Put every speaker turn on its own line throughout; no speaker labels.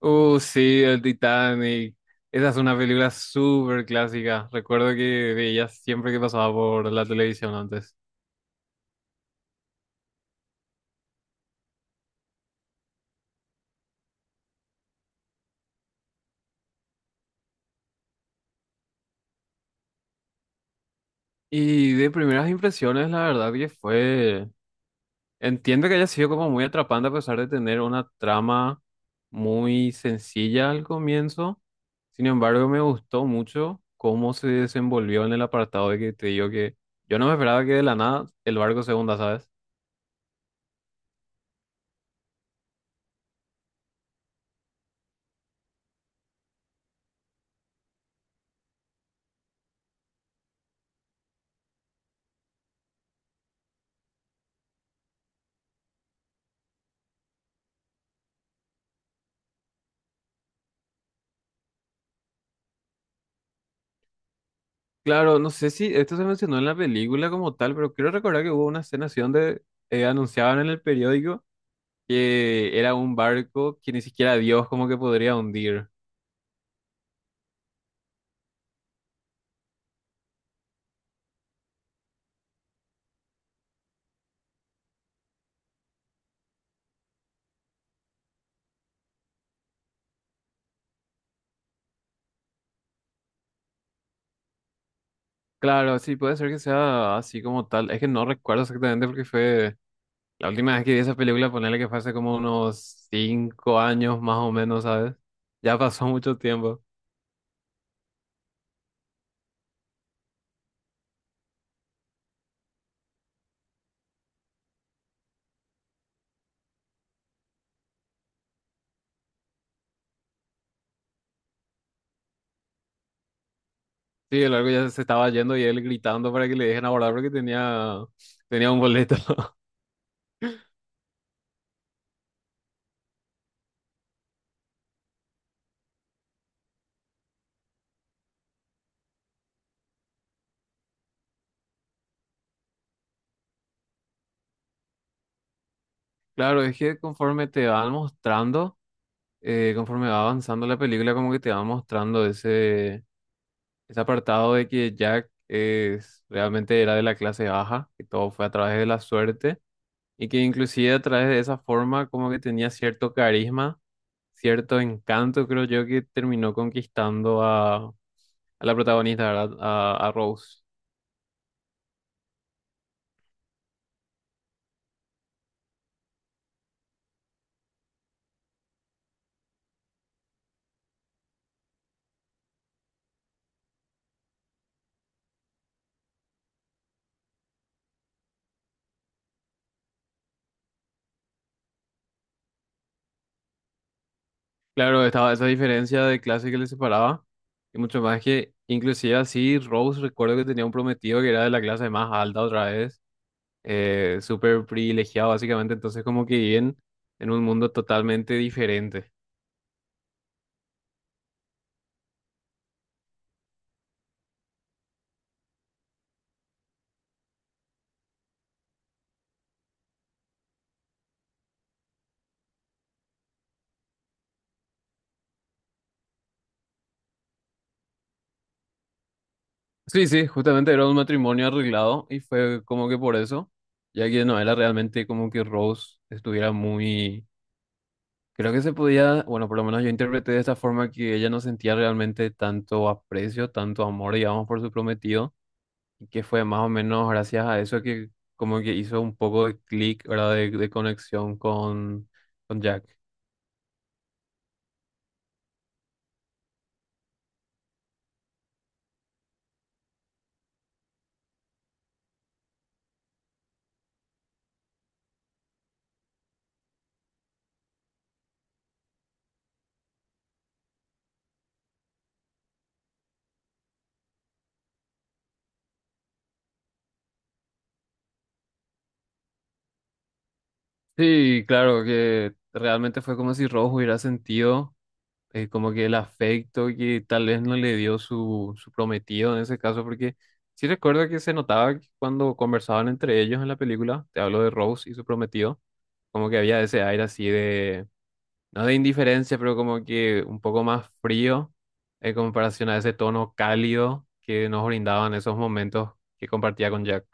Sí, el Titanic. Esa es una película súper clásica. Recuerdo que veía siempre que pasaba por la televisión antes. Y de primeras impresiones, la verdad que fue... Entiendo que haya sido como muy atrapante a pesar de tener una trama muy sencilla al comienzo. Sin embargo, me gustó mucho cómo se desenvolvió en el apartado de que te digo que yo no me esperaba que de la nada el barco se hunda, ¿sabes? Claro, no sé si esto se mencionó en la película como tal, pero quiero recordar que hubo una escena así donde anunciaban en el periódico que era un barco que ni siquiera Dios como que podría hundir. Claro, sí, puede ser que sea así como tal. Es que no recuerdo exactamente porque fue la última vez que vi esa película, ponerle que fue hace como unos 5 años más o menos, ¿sabes? Ya pasó mucho tiempo. Sí, el barco ya se estaba yendo y él gritando para que le dejen abordar porque tenía un boleto. Claro, es que conforme te van mostrando, conforme va avanzando la película, como que te va mostrando ese apartado de que Jack es, realmente era de la clase baja, que todo fue a través de la suerte, y que inclusive a través de esa forma como que tenía cierto carisma, cierto encanto, creo yo, que terminó conquistando a la protagonista, ¿verdad? A Rose. Claro, estaba esa diferencia de clase que le separaba, y mucho más que, inclusive así, Rose recuerdo que tenía un prometido que era de la clase más alta otra vez, súper privilegiado básicamente, entonces como que viven en un mundo totalmente diferente. Sí, sí, justamente era un matrimonio arreglado y fue como que por eso, ya que no era realmente como que Rose estuviera muy... Creo que se podía, bueno, por lo menos yo interpreté de esta forma que ella no sentía realmente tanto aprecio, tanto amor, digamos, por su prometido, y que fue más o menos gracias a eso que como que hizo un poco de clic, ¿verdad? De conexión con Jack. Sí, claro, que realmente fue como si Rojo hubiera sentido, como que el afecto que tal vez no le dio su prometido en ese caso, porque sí recuerdo que se notaba que cuando conversaban entre ellos en la película, te hablo de Rose y su prometido, como que había ese aire así de, no de indiferencia, pero como que un poco más frío en comparación a ese tono cálido que nos brindaban esos momentos que compartía con Jack.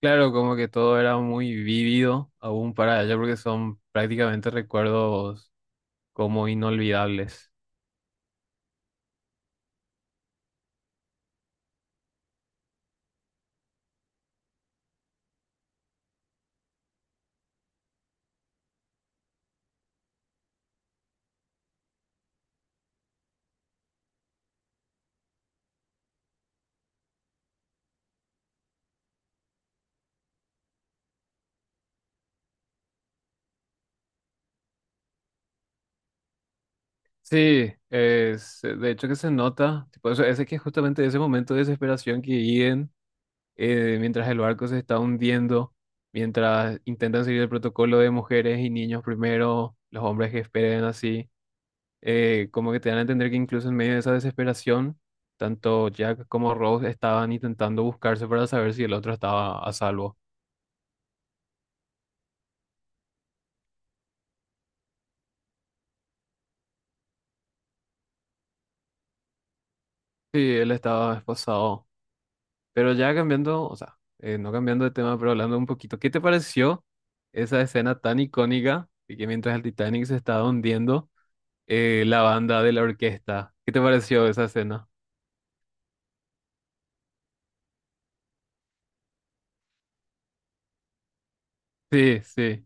Claro, como que todo era muy vívido aún para ella porque son prácticamente recuerdos como inolvidables. Sí, es, de hecho que se nota, tipo, ese que justamente ese momento de desesperación que viven, mientras el barco se está hundiendo, mientras intentan seguir el protocolo de mujeres y niños primero, los hombres que esperen así, como que te dan a entender que incluso en medio de esa desesperación, tanto Jack como Rose estaban intentando buscarse para saber si el otro estaba a salvo. Sí, él estaba esposado. Pero ya cambiando, o sea, no cambiando de tema, pero hablando un poquito, ¿qué te pareció esa escena tan icónica y que mientras el Titanic se estaba hundiendo, la banda de la orquesta? ¿Qué te pareció esa escena? Sí, sí,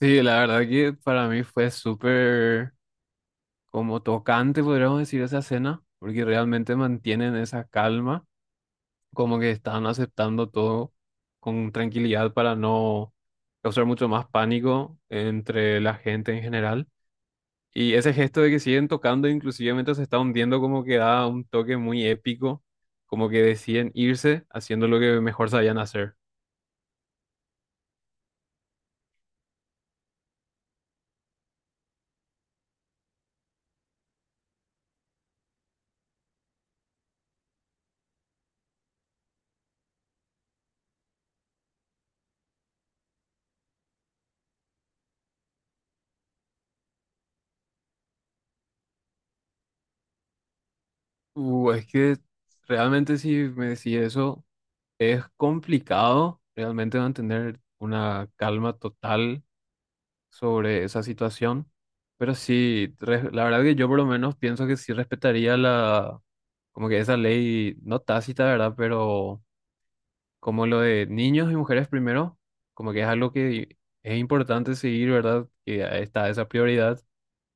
sí, la verdad que para mí fue súper como tocante, podríamos decir, esa escena, porque realmente mantienen esa calma, como que están aceptando todo con tranquilidad para no causar mucho más pánico entre la gente en general. Y ese gesto de que siguen tocando, inclusive mientras se está hundiendo, como que da un toque muy épico, como que deciden irse haciendo lo que mejor sabían hacer. Es que realmente si me decís eso, es complicado realmente mantener una calma total sobre esa situación, pero sí, la verdad que yo por lo menos pienso que sí respetaría la, como que esa ley, no tácita, ¿verdad? Pero como lo de niños y mujeres primero, como que es algo que es importante seguir, ¿verdad? Que ahí está esa prioridad,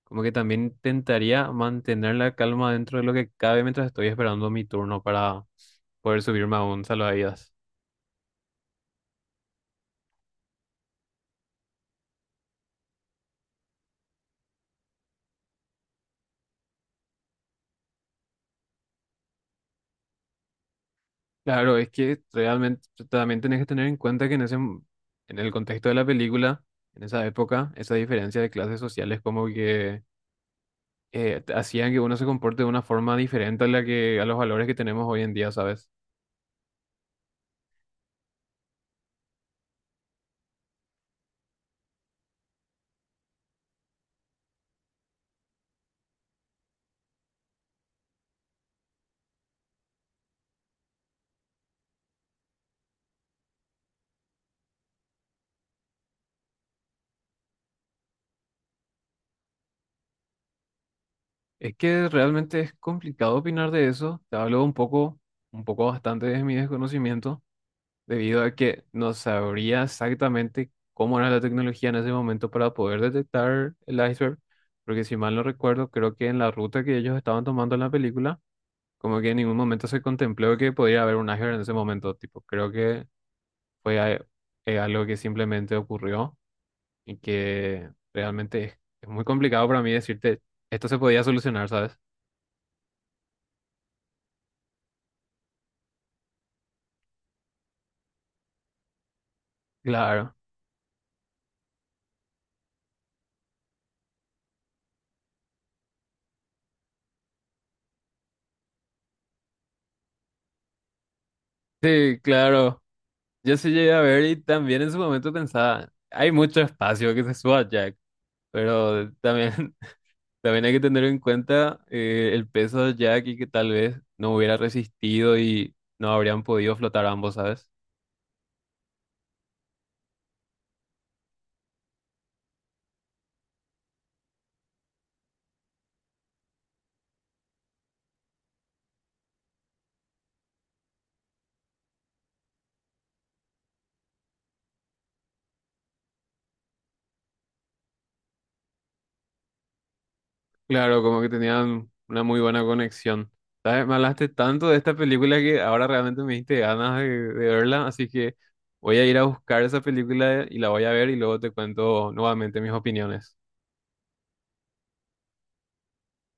como que también intentaría mantener la calma dentro de lo que cabe mientras estoy esperando mi turno para poder subirme a un salvavidas. Claro, es que realmente también tenés que tener en cuenta que en ese, en el contexto de la película, en esa época, esa diferencia de clases sociales como que hacían que uno se comporte de una forma diferente a la que, a los valores que tenemos hoy en día, ¿sabes? Es que realmente es complicado opinar de eso. Te hablo un poco bastante de mi desconocimiento, debido a que no sabría exactamente cómo era la tecnología en ese momento para poder detectar el iceberg, porque si mal no recuerdo, creo que en la ruta que ellos estaban tomando en la película, como que en ningún momento se contempló que podría haber un iceberg en ese momento, tipo, creo que fue a- algo que simplemente ocurrió y que realmente es muy complicado para mí decirte, esto se podía solucionar, ¿sabes? Claro. Sí, claro. Yo sí llegué a ver y también en su momento pensaba, hay mucho espacio que se suba ya. Pero también, también hay que tener en cuenta, el peso de Jack y que tal vez no hubiera resistido y no habrían podido flotar ambos, ¿sabes? Claro, como que tenían una muy buena conexión. ¿Sabes? Me hablaste tanto de esta película que ahora realmente me diste ganas de verla, así que voy a ir a buscar esa película y la voy a ver y luego te cuento nuevamente mis opiniones.